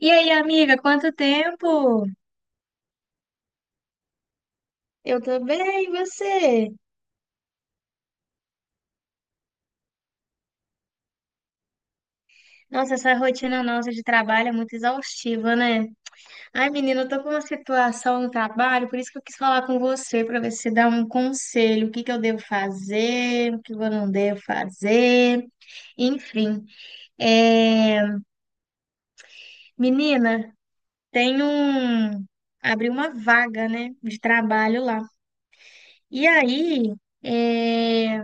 E aí, amiga, quanto tempo? Eu tô bem, e você? Nossa, essa rotina nossa de trabalho é muito exaustiva, né? Ai, menina, eu tô com uma situação no trabalho, por isso que eu quis falar com você, pra ver se você dá um conselho, o que que eu devo fazer, o que eu não devo fazer, enfim. É... Menina, tem um... abriu uma vaga, né, de trabalho lá. E aí, é...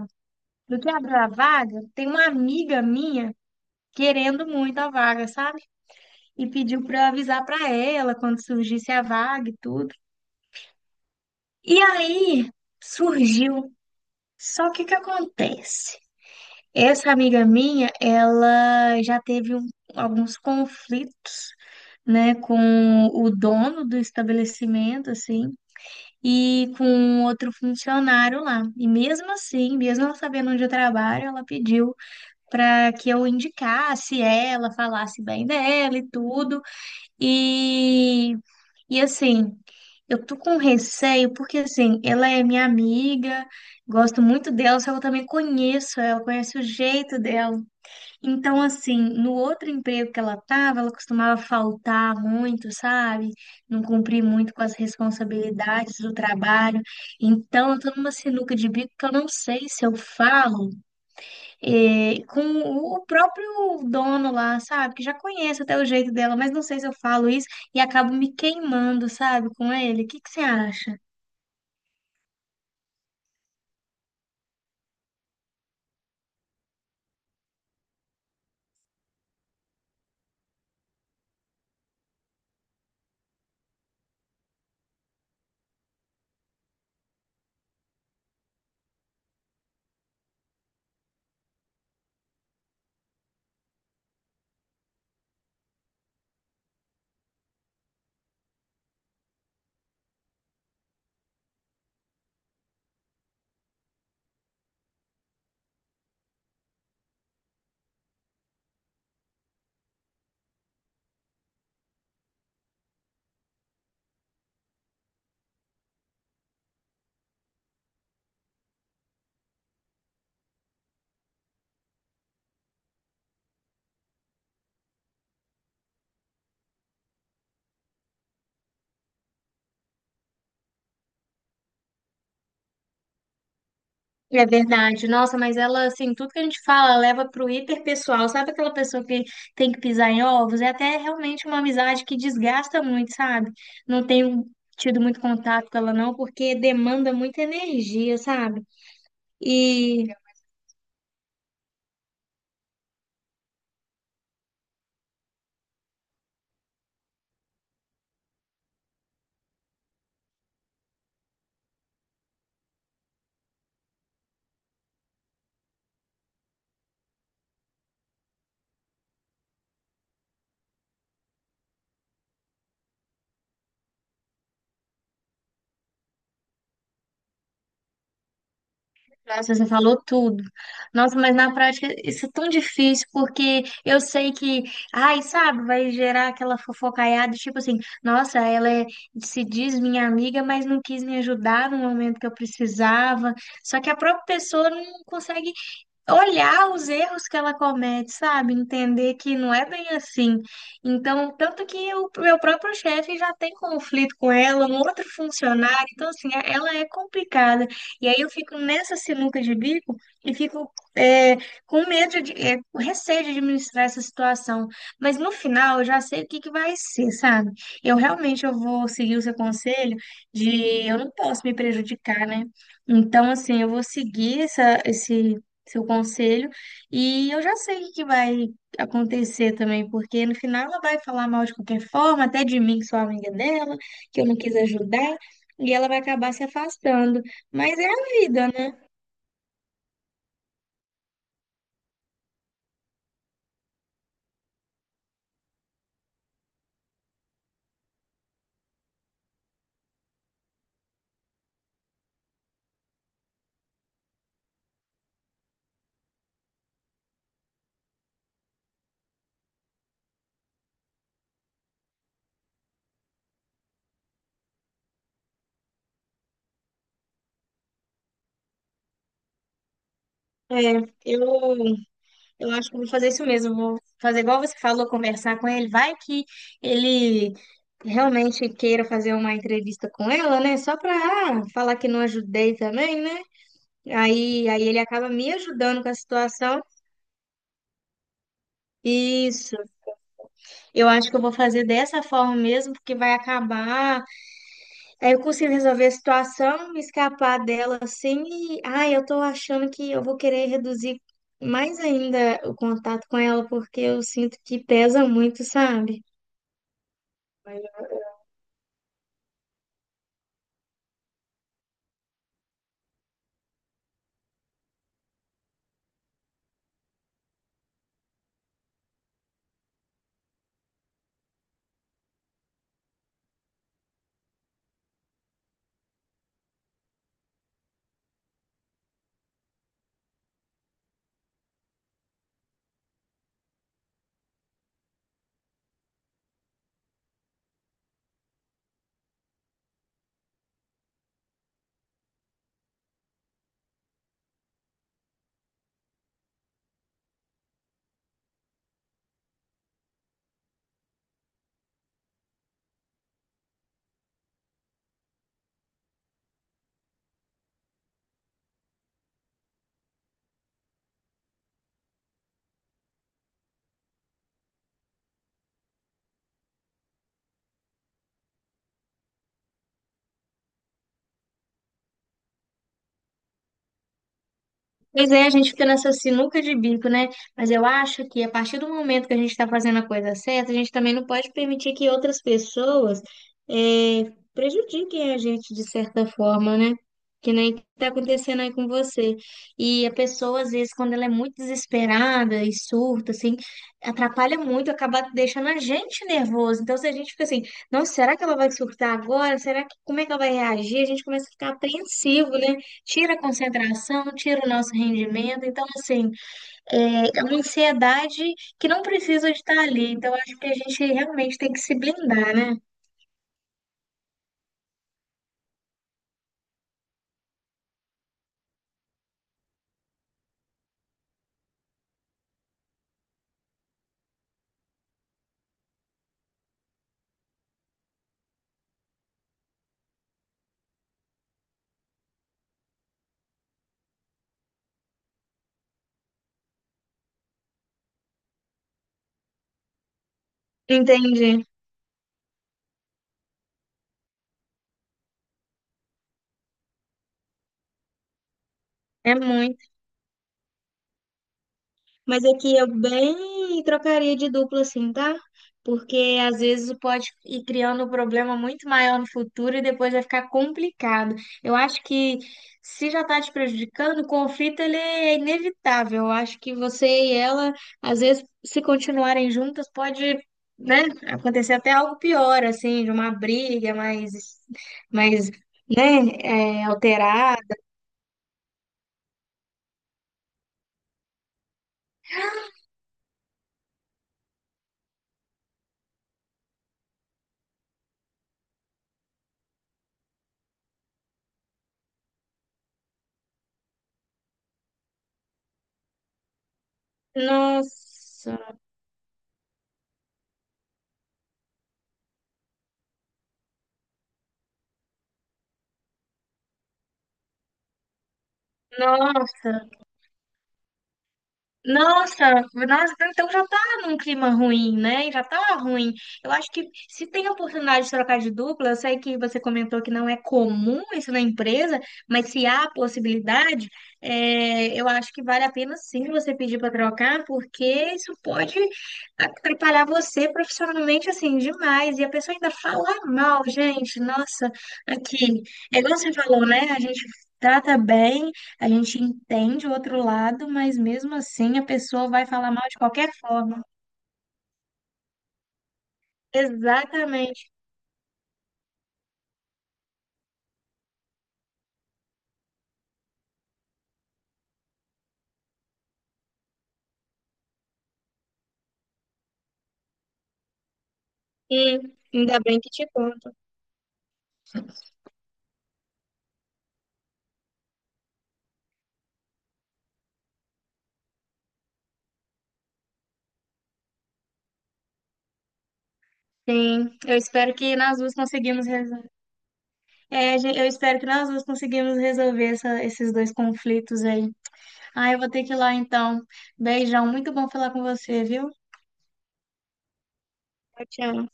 no que abriu a vaga, tem uma amiga minha querendo muito a vaga, sabe? E pediu para avisar para ela quando surgisse a vaga e tudo. E aí surgiu. Só que o que acontece? Essa amiga minha, ela alguns conflitos, né, com o dono do estabelecimento, assim, e com outro funcionário lá. E mesmo assim, mesmo ela sabendo onde eu trabalho, ela pediu para que eu indicasse ela, falasse bem dela e tudo. E, e assim, eu tô com receio porque assim, ela é minha amiga, gosto muito dela, só que eu também conheço ela, conheço o jeito dela. Então, assim, no outro emprego que ela tava, ela costumava faltar muito, sabe? Não cumprir muito com as responsabilidades do trabalho. Então, eu tô numa sinuca de bico que eu não sei se eu falo com o próprio dono lá, sabe? Que já conheço até o jeito dela, mas não sei se eu falo isso e acabo me queimando, sabe? Com ele. O que que você acha? É verdade. Nossa, mas ela, assim, tudo que a gente fala leva pro hiperpessoal. Sabe aquela pessoa que tem que pisar em ovos? É até realmente uma amizade que desgasta muito, sabe? Não tenho tido muito contato com ela, não, porque demanda muita energia, sabe? E. Nossa, você falou tudo. Nossa, mas na prática isso é tão difícil, porque eu sei que, ai, sabe, vai gerar aquela fofocaiada, tipo assim, nossa, se diz minha amiga, mas não quis me ajudar no momento que eu precisava. Só que a própria pessoa não consegue olhar os erros que ela comete, sabe? Entender que não é bem assim. Então, tanto que o meu próprio chefe já tem conflito com ela, um outro funcionário. Então, assim, ela é complicada. E aí eu fico nessa sinuca de bico e fico é, com medo de, com receio de administrar essa situação. Mas no final eu já sei o que que vai ser, sabe? Eu realmente eu vou seguir o seu conselho de eu não posso me prejudicar, né? Então, assim, eu vou seguir esse seu conselho. E eu já sei o que que vai acontecer também, porque no final ela vai falar mal de qualquer forma, até de mim, que sou amiga dela, que eu não quis ajudar, e ela vai acabar se afastando. Mas é a vida, né? É, eu, eu acho que eu vou fazer isso mesmo. Vou fazer igual você falou, conversar com ele. Vai que ele realmente queira fazer uma entrevista com ela, né? Só pra falar que não ajudei também, né? Aí ele acaba me ajudando com a situação. Isso. Eu acho que eu vou fazer dessa forma mesmo, porque vai acabar. Aí eu consigo resolver a situação, me escapar dela assim. E, ai, eu tô achando que eu vou querer reduzir mais ainda o contato com ela, porque eu sinto que pesa muito, sabe? Pois é, a gente fica nessa sinuca de bico, né? Mas eu acho que a partir do momento que a gente está fazendo a coisa certa, a gente também não pode permitir que outras pessoas prejudiquem a gente de certa forma, né? Que nem está acontecendo aí com você. E a pessoa, às vezes, quando ela é muito desesperada e surta, assim, atrapalha muito, acaba deixando a gente nervoso. Então, se a gente fica assim, nossa, será que ela vai surtar agora? Será que, como é que ela vai reagir? A gente começa a ficar apreensivo, né? Tira a concentração, tira o nosso rendimento. Então, assim, é uma ansiedade que não precisa de estar ali. Então, acho que a gente realmente tem que se blindar, né? Entendi. É muito. Mas aqui eu bem trocaria de dupla, assim, tá? Porque às vezes pode ir criando um problema muito maior no futuro e depois vai ficar complicado. Eu acho que se já tá te prejudicando, o conflito ele é inevitável. Eu acho que você e ela, às vezes, se continuarem juntas, pode, né, acontecer até algo pior, assim, de uma briga mais, né, alterada. Nossa, nossa. Nossa, nossa, então já tá num clima ruim, né? Já tá ruim. Eu acho que se tem a oportunidade de trocar de dupla, eu sei que você comentou que não é comum isso na empresa, mas se há a possibilidade, eu acho que vale a pena sim você pedir para trocar, porque isso pode atrapalhar você profissionalmente assim demais. E a pessoa ainda fala mal, gente. Nossa, aqui, é igual você falou, né? A gente trata bem. A gente entende o outro lado, mas mesmo assim a pessoa vai falar mal de qualquer forma. Exatamente. E ainda bem que te conto. Sim, eu espero que nós duas conseguimos resolver. Eu espero que nós duas conseguimos resolver esses dois conflitos aí. Ah, eu vou ter que ir lá então. Beijão, muito bom falar com você, viu? Tchau, tchau.